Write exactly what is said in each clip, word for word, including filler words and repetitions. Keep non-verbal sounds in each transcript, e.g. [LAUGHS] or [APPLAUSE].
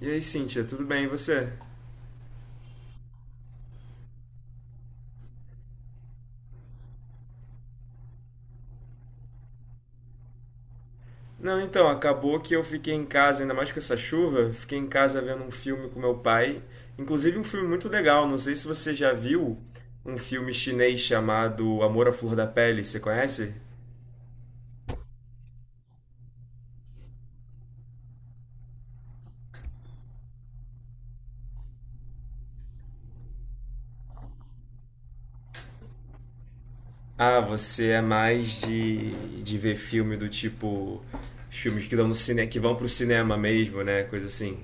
E aí, Cíntia, tudo bem? E você? Não, então, acabou que eu fiquei em casa, ainda mais com essa chuva, fiquei em casa vendo um filme com meu pai, inclusive um filme muito legal, não sei se você já viu um filme chinês chamado Amor à Flor da Pele, você conhece? Ah, você é mais de, de ver filme do tipo os filmes que dão no cine, que vão pro cinema mesmo, né? Coisa assim.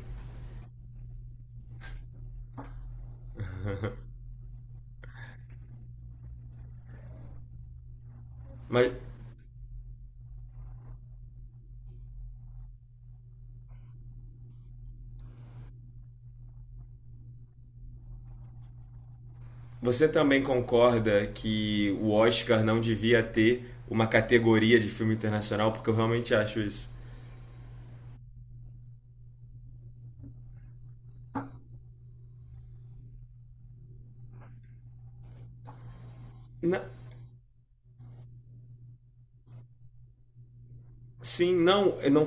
Mas você também concorda que o Oscar não devia ter uma categoria de filme internacional, porque eu realmente acho isso. Na- Sim, não, eu não.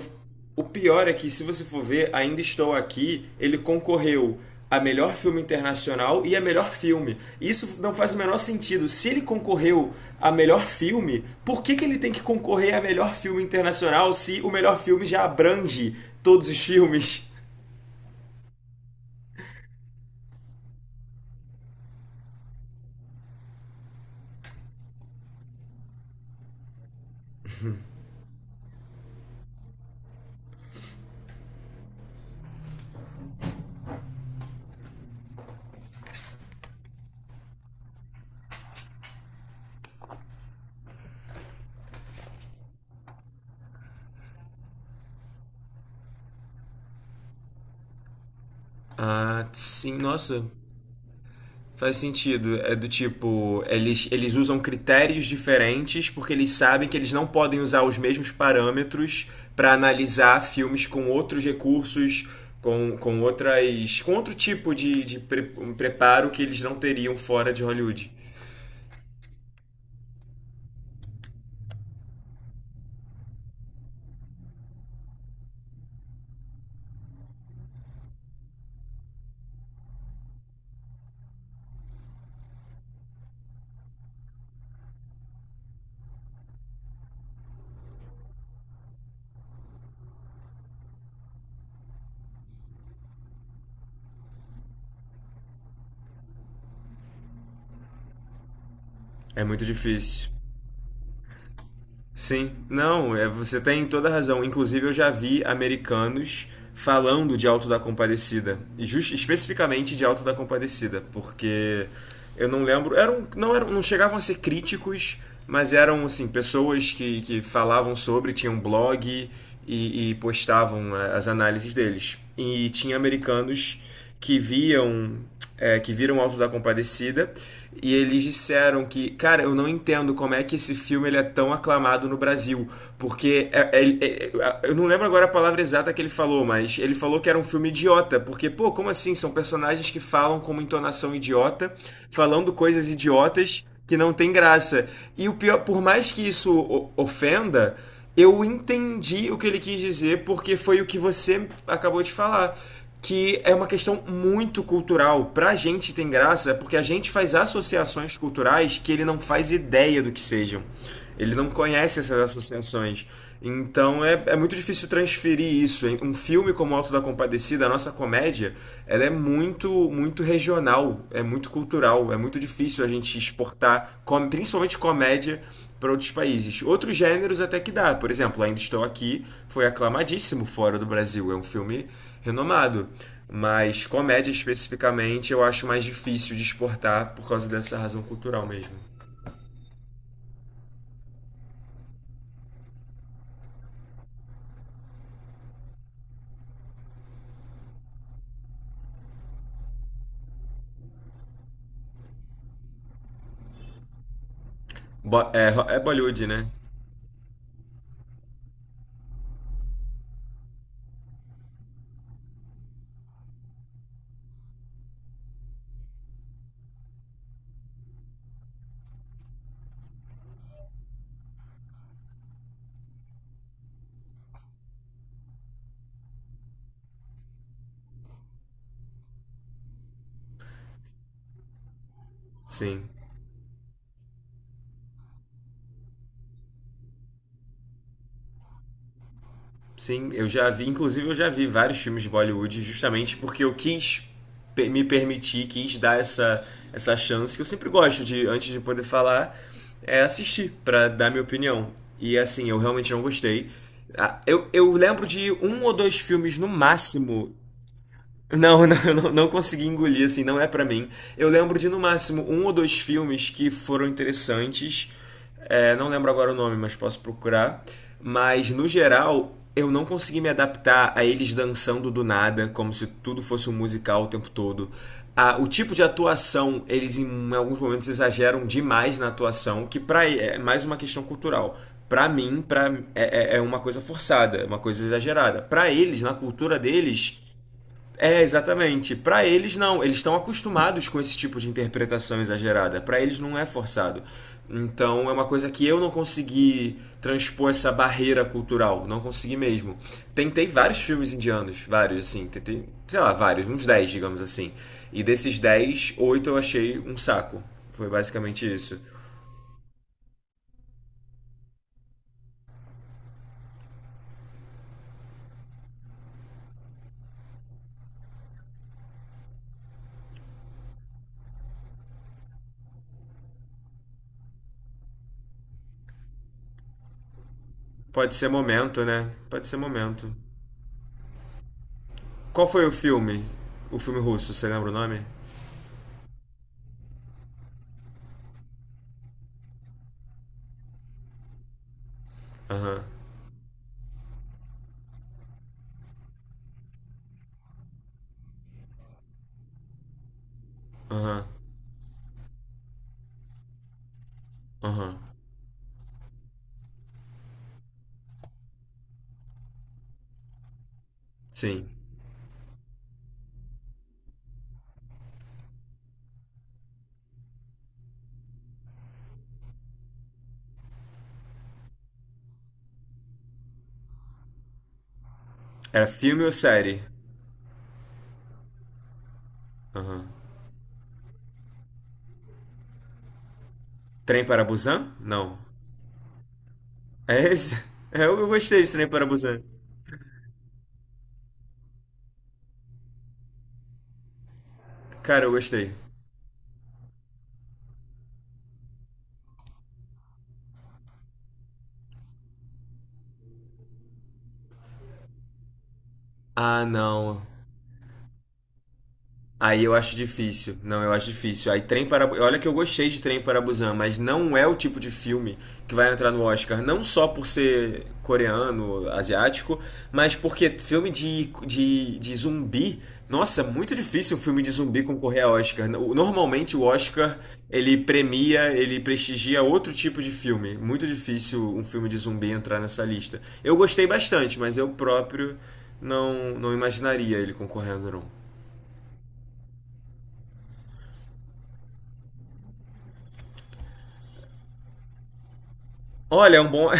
O pior é que, se você for ver, Ainda Estou Aqui, ele concorreu a melhor filme internacional e a melhor filme. Isso não faz o menor sentido. Se ele concorreu a melhor filme, por que que ele tem que concorrer a melhor filme internacional se o melhor filme já abrange todos os filmes? Ah, sim, nossa, faz sentido. É do tipo, eles, eles usam critérios diferentes porque eles sabem que eles não podem usar os mesmos parâmetros para analisar filmes com outros recursos, com, com outras. Com outro tipo de, de pre- um preparo que eles não teriam fora de Hollywood. É muito difícil. Sim, não, é, você tem toda a razão. Inclusive, eu já vi americanos falando de Alto da Compadecida, e just, especificamente de Alto da Compadecida, porque eu não lembro, eram, não eram, não chegavam a ser críticos, mas eram assim pessoas que, que falavam sobre, tinham blog e, e postavam a- as análises deles. E tinha americanos que viam é, que viram o Auto da Compadecida e eles disseram que, cara, eu não entendo como é que esse filme ele é tão aclamado no Brasil, porque é- é- é- é, eu não lembro agora a palavra exata que ele falou, mas ele falou que era um filme idiota, porque, pô, como assim? São personagens que falam com uma entonação idiota, falando coisas idiotas que não tem graça. E o pior, por mais que isso o- ofenda, eu entendi o que ele quis dizer, porque foi o que você acabou de falar. Que é uma questão muito cultural. Pra gente tem graça, é porque a gente faz associações culturais que ele não faz ideia do que sejam. Ele não conhece essas associações. Então é, é muito difícil transferir isso. Um filme como o Alto da Compadecida, a nossa comédia, ela é muito, muito regional, é muito cultural, é muito difícil a gente exportar, com- principalmente comédia, para outros países. Outros gêneros até que dá. Por exemplo, Ainda Estou Aqui foi aclamadíssimo fora do Brasil. É um filme renomado. Mas comédia especificamente eu acho mais difícil de exportar por causa dessa razão cultural mesmo. Bo- é, é Bollywood, né? Sim. Sim, eu já vi, inclusive eu já vi vários filmes de Bollywood justamente porque eu quis pe- me permitir, quis dar essa, essa chance que eu sempre gosto de, antes de poder falar, é assistir pra dar minha opinião. E assim, eu realmente não gostei. Ah, Eu, eu lembro de um ou dois filmes no máximo não, [LAUGHS] não, eu não, não consegui engolir, assim, não é pra mim. Eu lembro de no máximo um ou dois filmes que foram interessantes. É, não lembro agora o nome, mas posso procurar. Mas no geral, eu não consegui me adaptar a eles dançando do nada, como se tudo fosse um musical o tempo todo. A- o tipo de atuação, eles em alguns momentos exageram demais na atuação, que pra, é mais uma questão cultural. Pra mim, pra, é, é é uma coisa forçada, é uma coisa exagerada. Pra eles, na cultura deles, é, exatamente. Pra eles não, eles estão acostumados com esse tipo de interpretação exagerada. Pra eles não é forçado. Então é uma coisa que eu não consegui transpor essa barreira cultural, não consegui mesmo. Tentei vários filmes indianos, vários assim, tentei, sei lá, vários, uns dez, digamos assim. E desses dez, oito eu achei um saco. Foi basicamente isso. Pode ser momento, né? Pode ser momento. Qual foi o filme? O filme russo, você lembra o nome? Aham. Aham. Aham. Sim. É filme ou série? Aham. Trem para Busan? Não. É esse? [LAUGHS] É, eu eu gostei de Trem para Busan. Cara, eu gostei. Ah, não. Aí eu acho difícil. Não, eu acho difícil. Aí Trem para olha que eu gostei de Trem para Busan, mas não é o tipo de filme que vai entrar no Oscar, não só por ser coreano, asiático, mas porque filme de, de, de zumbi. Nossa, muito difícil um filme de zumbi concorrer a Oscar. Normalmente o Oscar ele premia, ele prestigia outro tipo de filme. Muito difícil um filme de zumbi entrar nessa lista. Eu gostei bastante, mas eu próprio não, não imaginaria ele concorrendo, não. Olha, é um bom. [LAUGHS]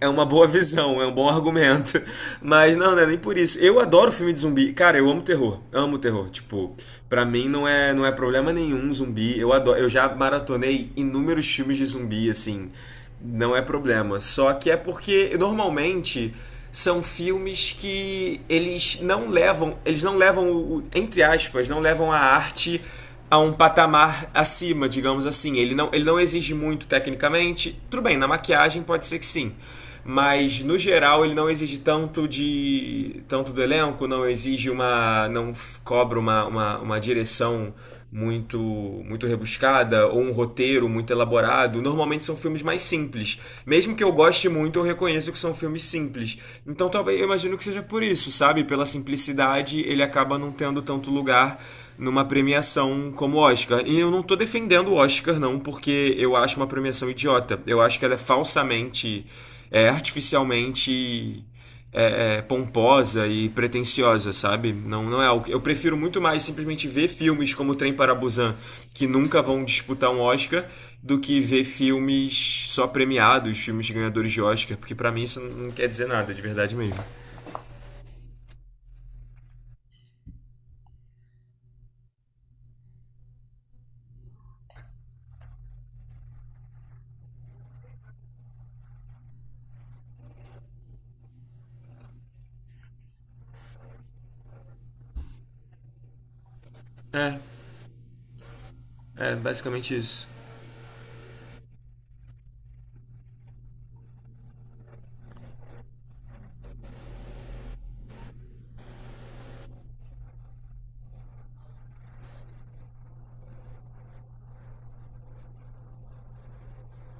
É uma boa visão, é um bom argumento. Mas não, não é nem por isso. Eu adoro filme de zumbi. Cara, eu amo terror. Amo terror. Tipo, pra mim não é, não é problema nenhum zumbi. Eu adoro. Eu já maratonei inúmeros filmes de zumbi, assim. Não é problema. Só que é porque normalmente são filmes que eles não levam, eles não levam, o- o- entre aspas, não levam a arte a um patamar acima, digamos assim. Ele não, ele não exige muito tecnicamente. Tudo bem, na maquiagem pode ser que sim. Mas no geral ele não exige tanto de tanto do elenco, não exige uma não f- cobra uma, uma, uma direção muito muito rebuscada ou um roteiro muito elaborado. Normalmente são filmes mais simples. Mesmo que eu goste muito, eu reconheço que são filmes simples. Então talvez eu imagino que seja por isso, sabe? Pela simplicidade, ele acaba não tendo tanto lugar numa premiação como o Oscar. E eu não tô defendendo o Oscar, não, porque eu acho uma premiação idiota. Eu acho que ela é falsamente, é, artificialmente é, é, pomposa e pretensiosa, sabe? Não, não é algo. que- Eu prefiro muito mais simplesmente ver filmes como Trem para Busan, que nunca vão disputar um Oscar, do que ver filmes só premiados, filmes ganhadores de Oscar, porque pra mim isso não quer dizer nada, de verdade mesmo. É, é basicamente isso.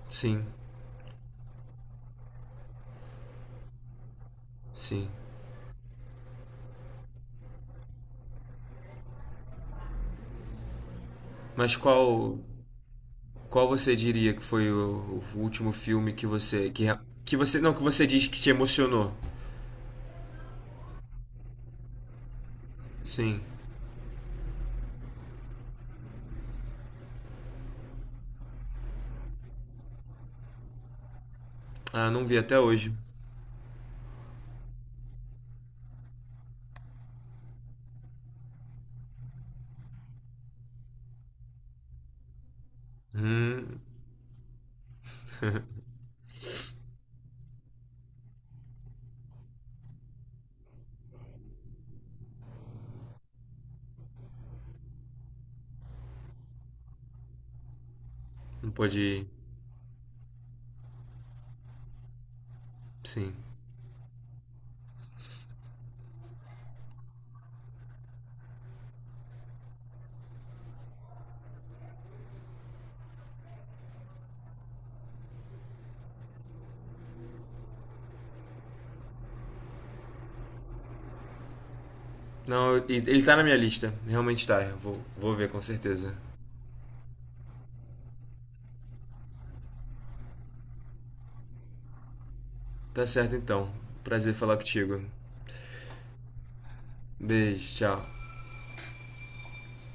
Sim, sim. Mas qual qual você diria que foi o, o último filme que você que, que você não que você diz que te emocionou? Sim. Ah, não vi até hoje. Hum, não pode ir. Sim. Não, e- ele tá na minha lista. Realmente tá. Eu vou, vou ver com certeza. Tá certo então. Prazer falar contigo. Beijo, tchau.